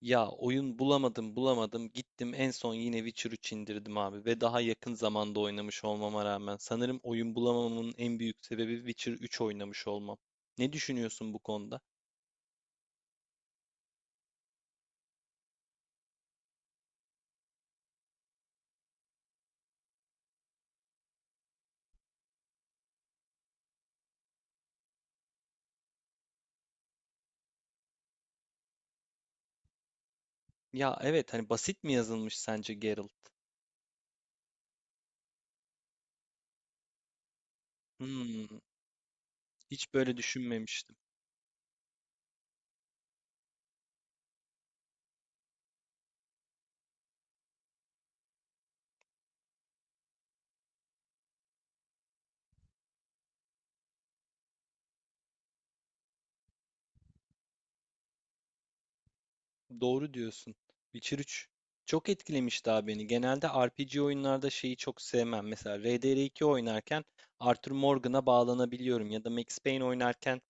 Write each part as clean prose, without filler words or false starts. Ya oyun bulamadım bulamadım gittim en son yine Witcher 3 indirdim abi ve daha yakın zamanda oynamış olmama rağmen sanırım oyun bulamamamın en büyük sebebi Witcher 3 oynamış olmam. Ne düşünüyorsun bu konuda? Ya evet hani basit mi yazılmış sence Geralt? Hmm, hiç böyle düşünmemiştim. Doğru diyorsun. Witcher 3 çok etkilemiş daha beni. Genelde RPG oyunlarda şeyi çok sevmem. Mesela RDR2 oynarken Arthur Morgan'a bağlanabiliyorum ya da Max Payne oynarken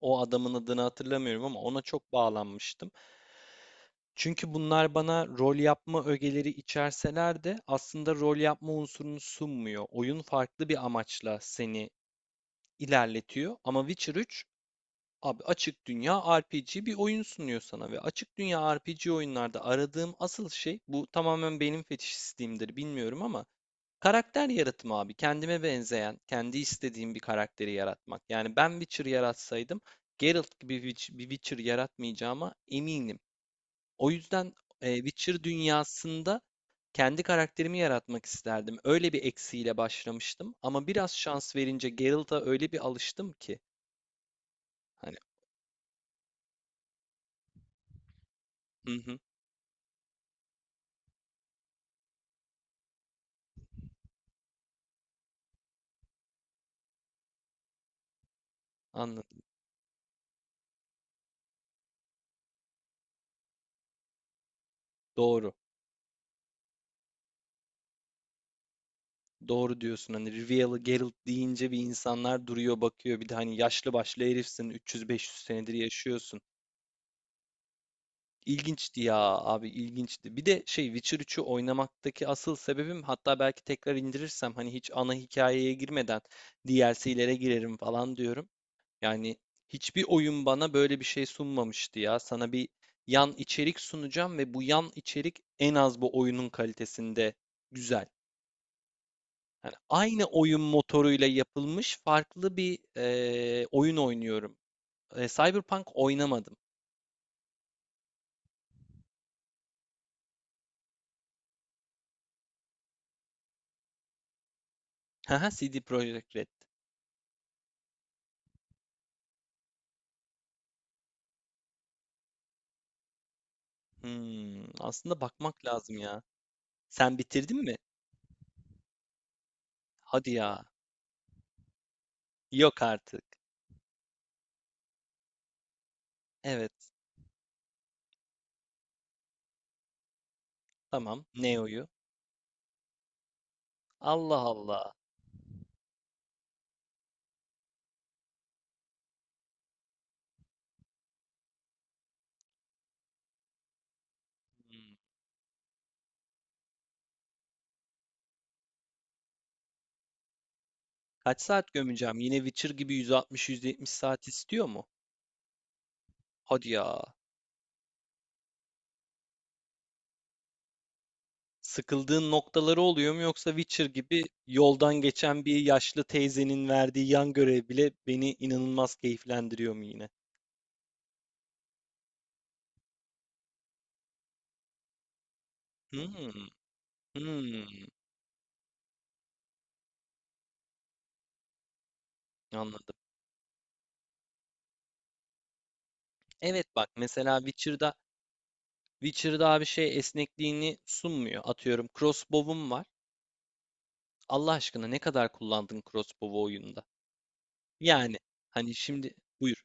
o adamın adını hatırlamıyorum ama ona çok bağlanmıştım. Çünkü bunlar bana rol yapma ögeleri içerseler de aslında rol yapma unsurunu sunmuyor. Oyun farklı bir amaçla seni ilerletiyor ama Witcher 3 abi açık dünya RPG bir oyun sunuyor sana ve açık dünya RPG oyunlarda aradığım asıl şey bu, tamamen benim fetişistliğimdir bilmiyorum ama karakter yaratımı abi. Kendime benzeyen, kendi istediğim bir karakteri yaratmak. Yani ben Witcher yaratsaydım Geralt gibi bir bir Witcher yaratmayacağıma eminim. O yüzden Witcher dünyasında kendi karakterimi yaratmak isterdim. Öyle bir eksiğiyle başlamıştım ama biraz şans verince Geralt'a öyle bir alıştım ki hani, hı hı, anladım. Doğru. Doğru diyorsun. Hani Rivieralı Geralt deyince bir insanlar duruyor bakıyor. Bir de hani yaşlı başlı herifsin, 300-500 senedir yaşıyorsun. İlginçti ya abi, ilginçti. Bir de şey, Witcher üçü oynamaktaki asıl sebebim, hatta belki tekrar indirirsem hani hiç ana hikayeye girmeden DLC'lere girerim falan diyorum. Yani hiçbir oyun bana böyle bir şey sunmamıştı ya. Sana bir yan içerik sunacağım ve bu yan içerik en az bu oyunun kalitesinde güzel. Yani aynı oyun motoruyla yapılmış farklı bir oyun oynuyorum. E, Cyberpunk oynamadım. Haha, CD Projekt Red. Hımm. Aslında bakmak lazım ya. Sen bitirdin mi? Hadi ya. Yok artık. Evet. Tamam. Neo'yu. Allah Allah. Hımm. Kaç saat gömeceğim? Yine Witcher gibi 160-170 saat istiyor mu? Hadi ya. Sıkıldığın noktaları oluyor mu, yoksa Witcher gibi yoldan geçen bir yaşlı teyzenin verdiği yan görev bile beni inanılmaz keyiflendiriyor mu yine? Hımm. Hımm. Anladım. Evet bak mesela Witcher'da abi şey esnekliğini sunmuyor. Atıyorum crossbow'um var. Allah aşkına ne kadar kullandın crossbow'u oyunda? Yani hani şimdi buyur.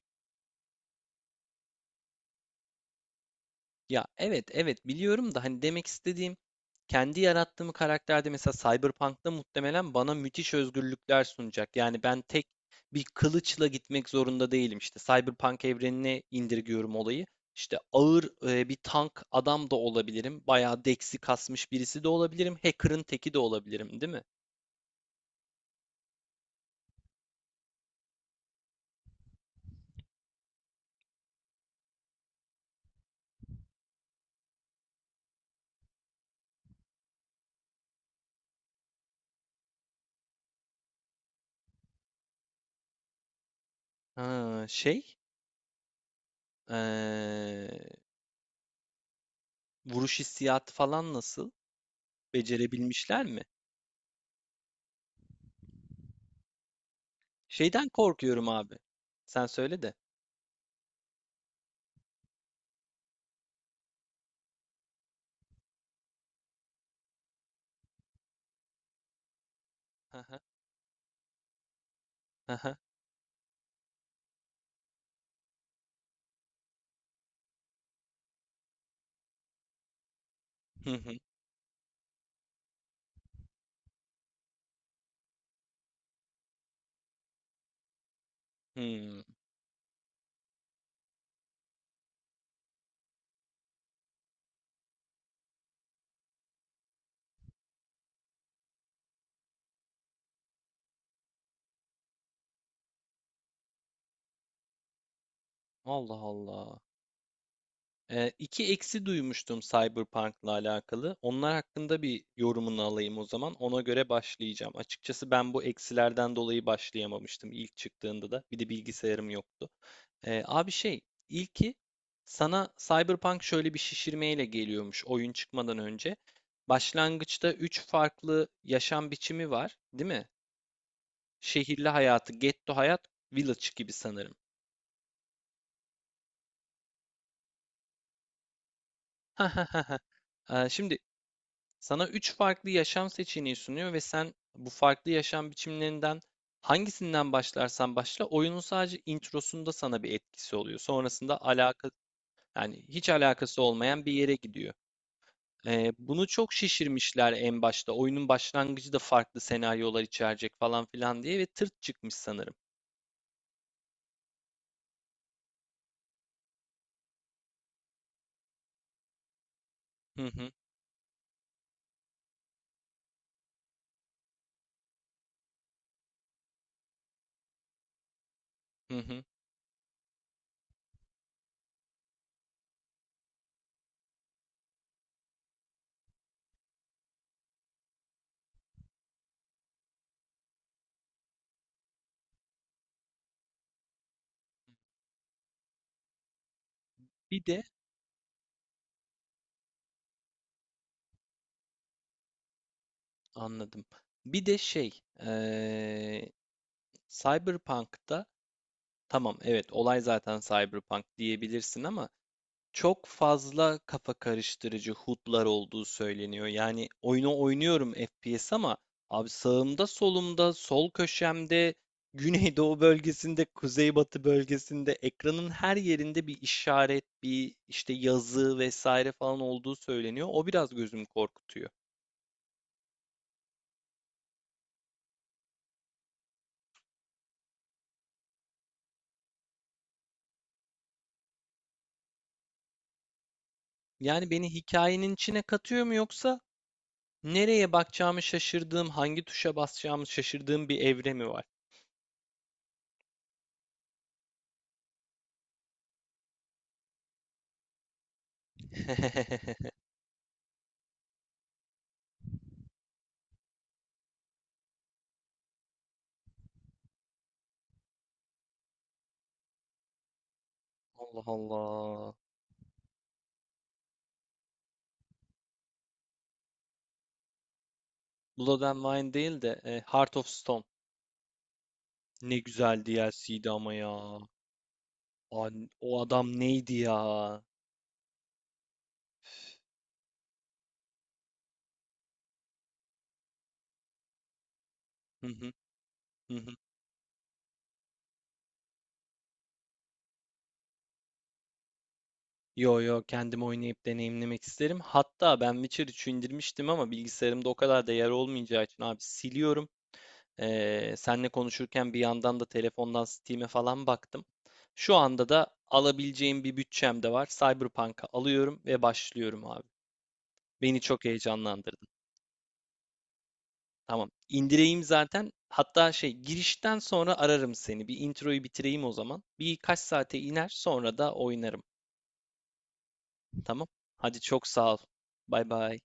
Ya evet evet biliyorum da hani demek istediğim kendi yarattığım karakterde mesela Cyberpunk'ta muhtemelen bana müthiş özgürlükler sunacak. Yani ben tek bir kılıçla gitmek zorunda değilim. İşte Cyberpunk evrenine indirgiyorum olayı. İşte ağır bir tank adam da olabilirim. Bayağı deksi kasmış birisi de olabilirim. Hacker'ın teki de olabilirim, değil mi? Ha, şey, eee, vuruş hissiyatı falan nasıl? Becerebilmişler mi? Şeyden korkuyorum abi. Sen söyle de. Hı hı, hı hı, hı hı, hmm. Allah Allah. İki eksi duymuştum Cyberpunk'la alakalı. Onlar hakkında bir yorumunu alayım o zaman. Ona göre başlayacağım. Açıkçası ben bu eksilerden dolayı başlayamamıştım ilk çıktığında da. Bir de bilgisayarım yoktu. Abi şey, ilki sana Cyberpunk şöyle bir şişirmeyle geliyormuş oyun çıkmadan önce. Başlangıçta üç farklı yaşam biçimi var, değil mi? Şehirli hayatı, ghetto hayat, village gibi sanırım. Ha ha ha. Şimdi sana üç farklı yaşam seçeneği sunuyor ve sen bu farklı yaşam biçimlerinden hangisinden başlarsan başla oyunun sadece introsunda sana bir etkisi oluyor. Sonrasında alaka, yani hiç alakası olmayan bir yere gidiyor. Bunu çok şişirmişler en başta. Oyunun başlangıcı da farklı senaryolar içerecek falan filan diye, ve tırt çıkmış sanırım. Hı hı, hı hı. Bir de anladım. Bir de şey, Cyberpunk'ta, tamam, evet, olay zaten Cyberpunk diyebilirsin ama çok fazla kafa karıştırıcı HUD'lar olduğu söyleniyor. Yani oyunu oynuyorum FPS ama abi sağımda, solumda, sol köşemde, güneydoğu bölgesinde, kuzeybatı bölgesinde ekranın her yerinde bir işaret, bir işte yazı vesaire falan olduğu söyleniyor. O biraz gözümü korkutuyor. Yani beni hikayenin içine katıyor mu, yoksa nereye bakacağımı şaşırdığım, hangi tuşa basacağımı şaşırdığım bir evre mi var? Allah Allah. Blood and Wine değil de Heart of Stone. Ne güzel DLC'ydi ama ya. O adam neydi ya? Hı hı, hı hı. Yo yo, kendim oynayıp deneyimlemek isterim. Hatta ben Witcher 3'ü indirmiştim ama bilgisayarımda o kadar da yer olmayacağı için abi siliyorum. Senle konuşurken bir yandan da telefondan Steam'e falan baktım. Şu anda da alabileceğim bir bütçem de var. Cyberpunk'a alıyorum ve başlıyorum abi. Beni çok heyecanlandırdı. Tamam. İndireyim zaten. Hatta şey, girişten sonra ararım seni. Bir introyu bitireyim o zaman. Birkaç saate iner, sonra da oynarım. Tamam. Hadi çok sağ ol. Bay bay.